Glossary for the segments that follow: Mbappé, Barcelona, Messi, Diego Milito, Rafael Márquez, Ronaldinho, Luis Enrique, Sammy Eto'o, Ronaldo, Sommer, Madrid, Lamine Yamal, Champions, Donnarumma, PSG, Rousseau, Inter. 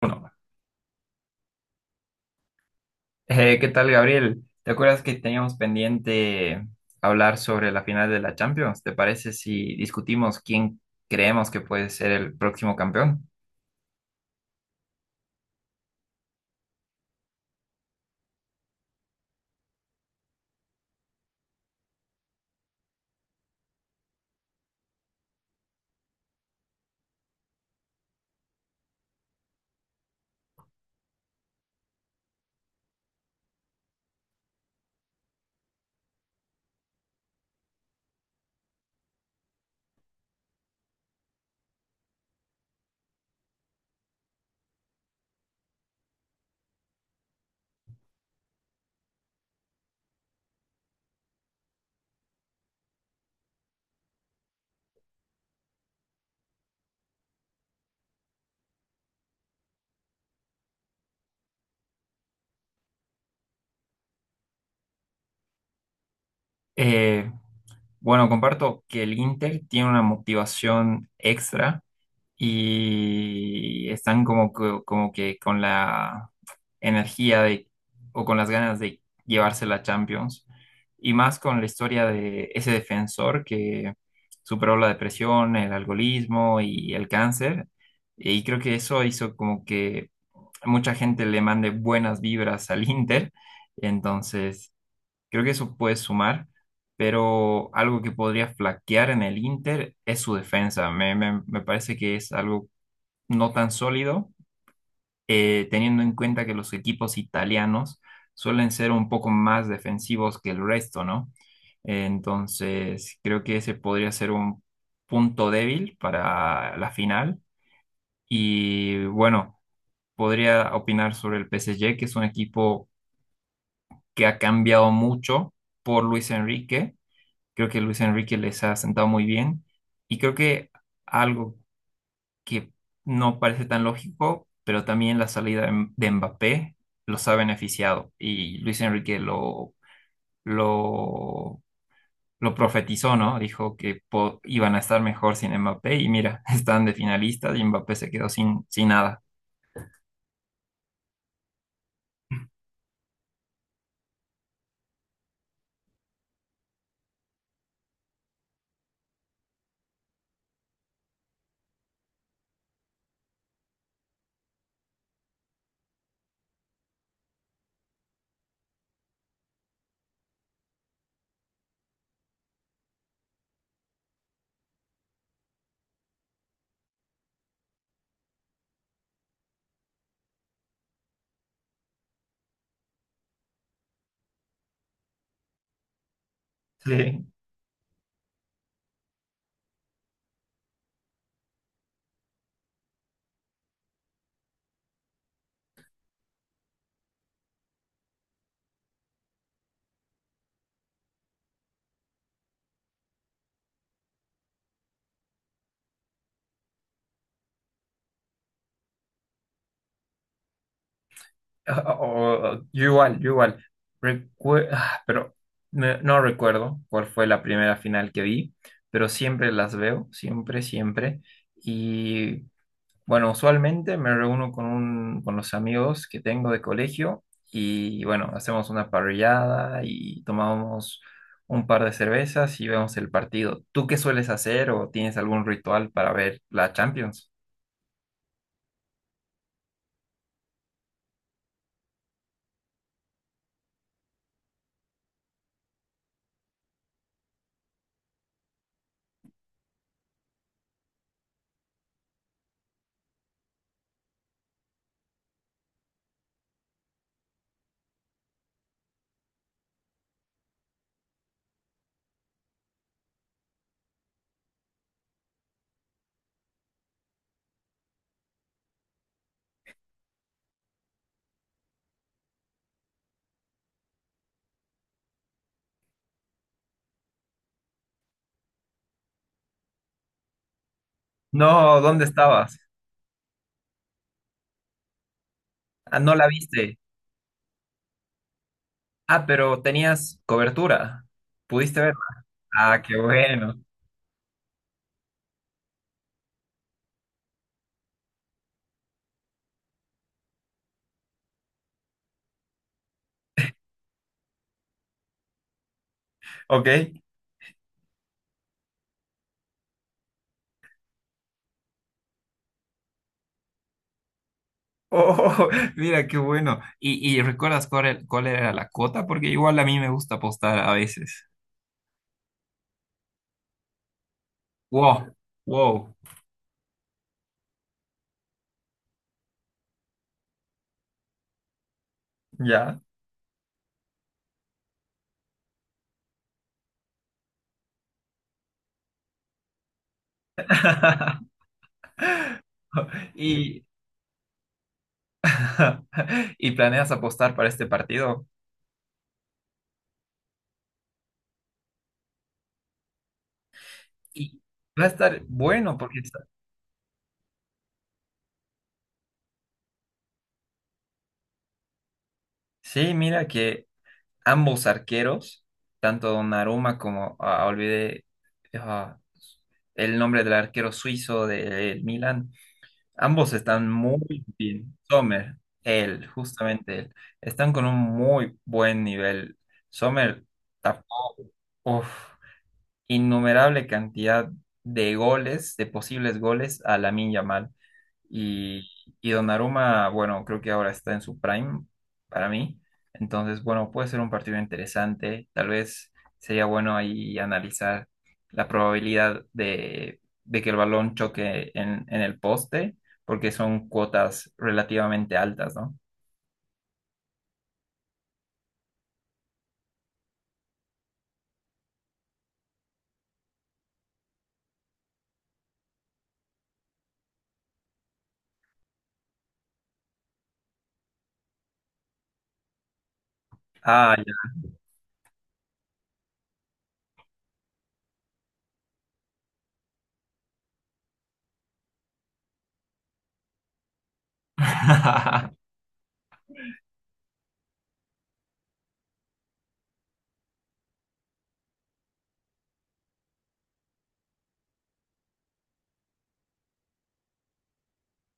Bueno, ¿qué tal, Gabriel? ¿Te acuerdas que teníamos pendiente hablar sobre la final de la Champions? ¿Te parece si discutimos quién creemos que puede ser el próximo campeón? Eh, bueno, comparto que el Inter tiene una motivación extra y están como, como que con la energía de, o con las ganas de llevarse la Champions. Y más con la historia de ese defensor que superó la depresión, el alcoholismo y el cáncer. Y creo que eso hizo como que mucha gente le mande buenas vibras al Inter. Entonces, creo que eso puede sumar. Pero algo que podría flaquear en el Inter es su defensa. Me parece que es algo no tan sólido, teniendo en cuenta que los equipos italianos suelen ser un poco más defensivos que el resto, ¿no? Entonces, creo que ese podría ser un punto débil para la final. Y bueno, podría opinar sobre el PSG, que es un equipo que ha cambiado mucho por Luis Enrique. Creo que Luis Enrique les ha sentado muy bien. Y creo que algo que no parece tan lógico, pero también la salida de Mbappé los ha beneficiado, y Luis Enrique lo, lo profetizó, ¿no? Dijo que iban a estar mejor sin Mbappé y mira, están de finalistas y Mbappé se quedó sin nada. Sí, o- yo igual, yo igual. Recue- ah, pero no recuerdo cuál fue la primera final que vi, pero siempre las veo, siempre, siempre. Y bueno, usualmente me reúno con los amigos que tengo de colegio, y bueno, hacemos una parrillada y tomamos un par de cervezas y vemos el partido. ¿Tú qué sueles hacer o tienes algún ritual para ver la Champions? No, ¿dónde estabas? Ah, no la viste. Ah, pero tenías cobertura. ¿Pudiste verla? Ah, qué bueno. Ok. Oh, mira, qué bueno. Y recuerdas cuál era la cuota? Porque igual a mí me gusta apostar a veces. Wow, wow. Ya. Y, ¿y planeas apostar para este partido? Y va a estar bueno porque sí, mira que ambos arqueros, tanto Donnarumma como olvidé ah, el nombre del arquero suizo del Milan, ambos están muy bien. Sommer, él, justamente él, están con un muy buen nivel. Sommer tapó. Uf. Innumerable cantidad de goles, de posibles goles a Lamine Yamal. Y, y Donnarumma, bueno, creo que ahora está en su prime para mí. Entonces, bueno, puede ser un partido interesante. Tal vez sería bueno ahí analizar la probabilidad de que el balón choque en el poste, porque son cuotas relativamente altas, ¿no? Ah, ya.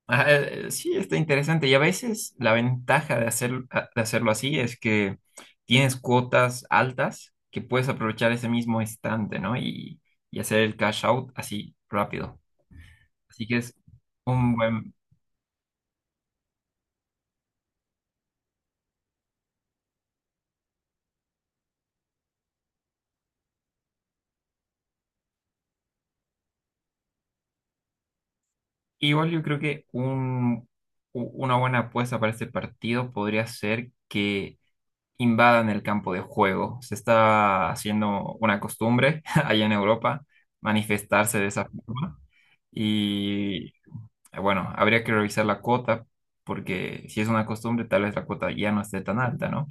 Ah, sí, está interesante. Y a veces la ventaja de de hacerlo así es que tienes cuotas altas que puedes aprovechar ese mismo instante, ¿no? Y hacer el cash out así rápido. Así que es un buen... Igual yo creo que una buena apuesta para este partido podría ser que invadan el campo de juego. Se está haciendo una costumbre allá en Europa manifestarse de esa forma. Y bueno, habría que revisar la cuota, porque si es una costumbre, tal vez la cuota ya no esté tan alta, ¿no?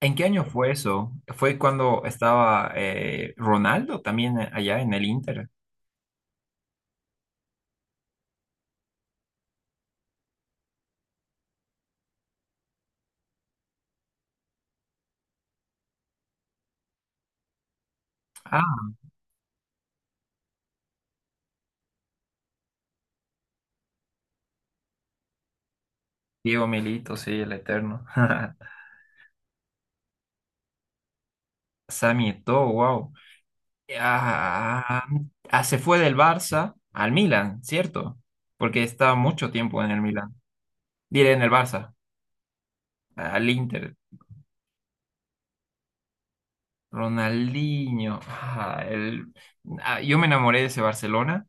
¿En qué año fue eso? ¿Fue cuando estaba Ronaldo también allá en el Inter? Ah, Diego Milito, sí, el eterno. Sammy Eto'o, wow. Ah, se fue del Barça al Milan, ¿cierto? Porque estaba mucho tiempo en el Milan. Diré en el Barça, al Inter. Ronaldinho, yo me enamoré de ese Barcelona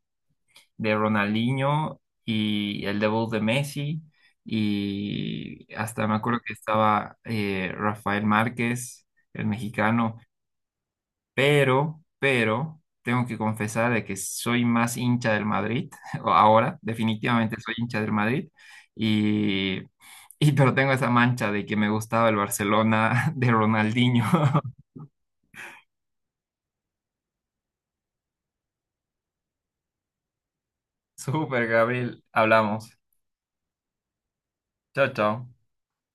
de Ronaldinho y el debut de Messi. Y hasta me acuerdo que estaba Rafael Márquez, el mexicano. Pero, tengo que confesar de que soy más hincha del Madrid. o Ahora, definitivamente soy hincha del Madrid. Y, pero tengo esa mancha de que me gustaba el Barcelona de Ronaldinho. Súper, Gabriel. Hablamos. Chao, chao.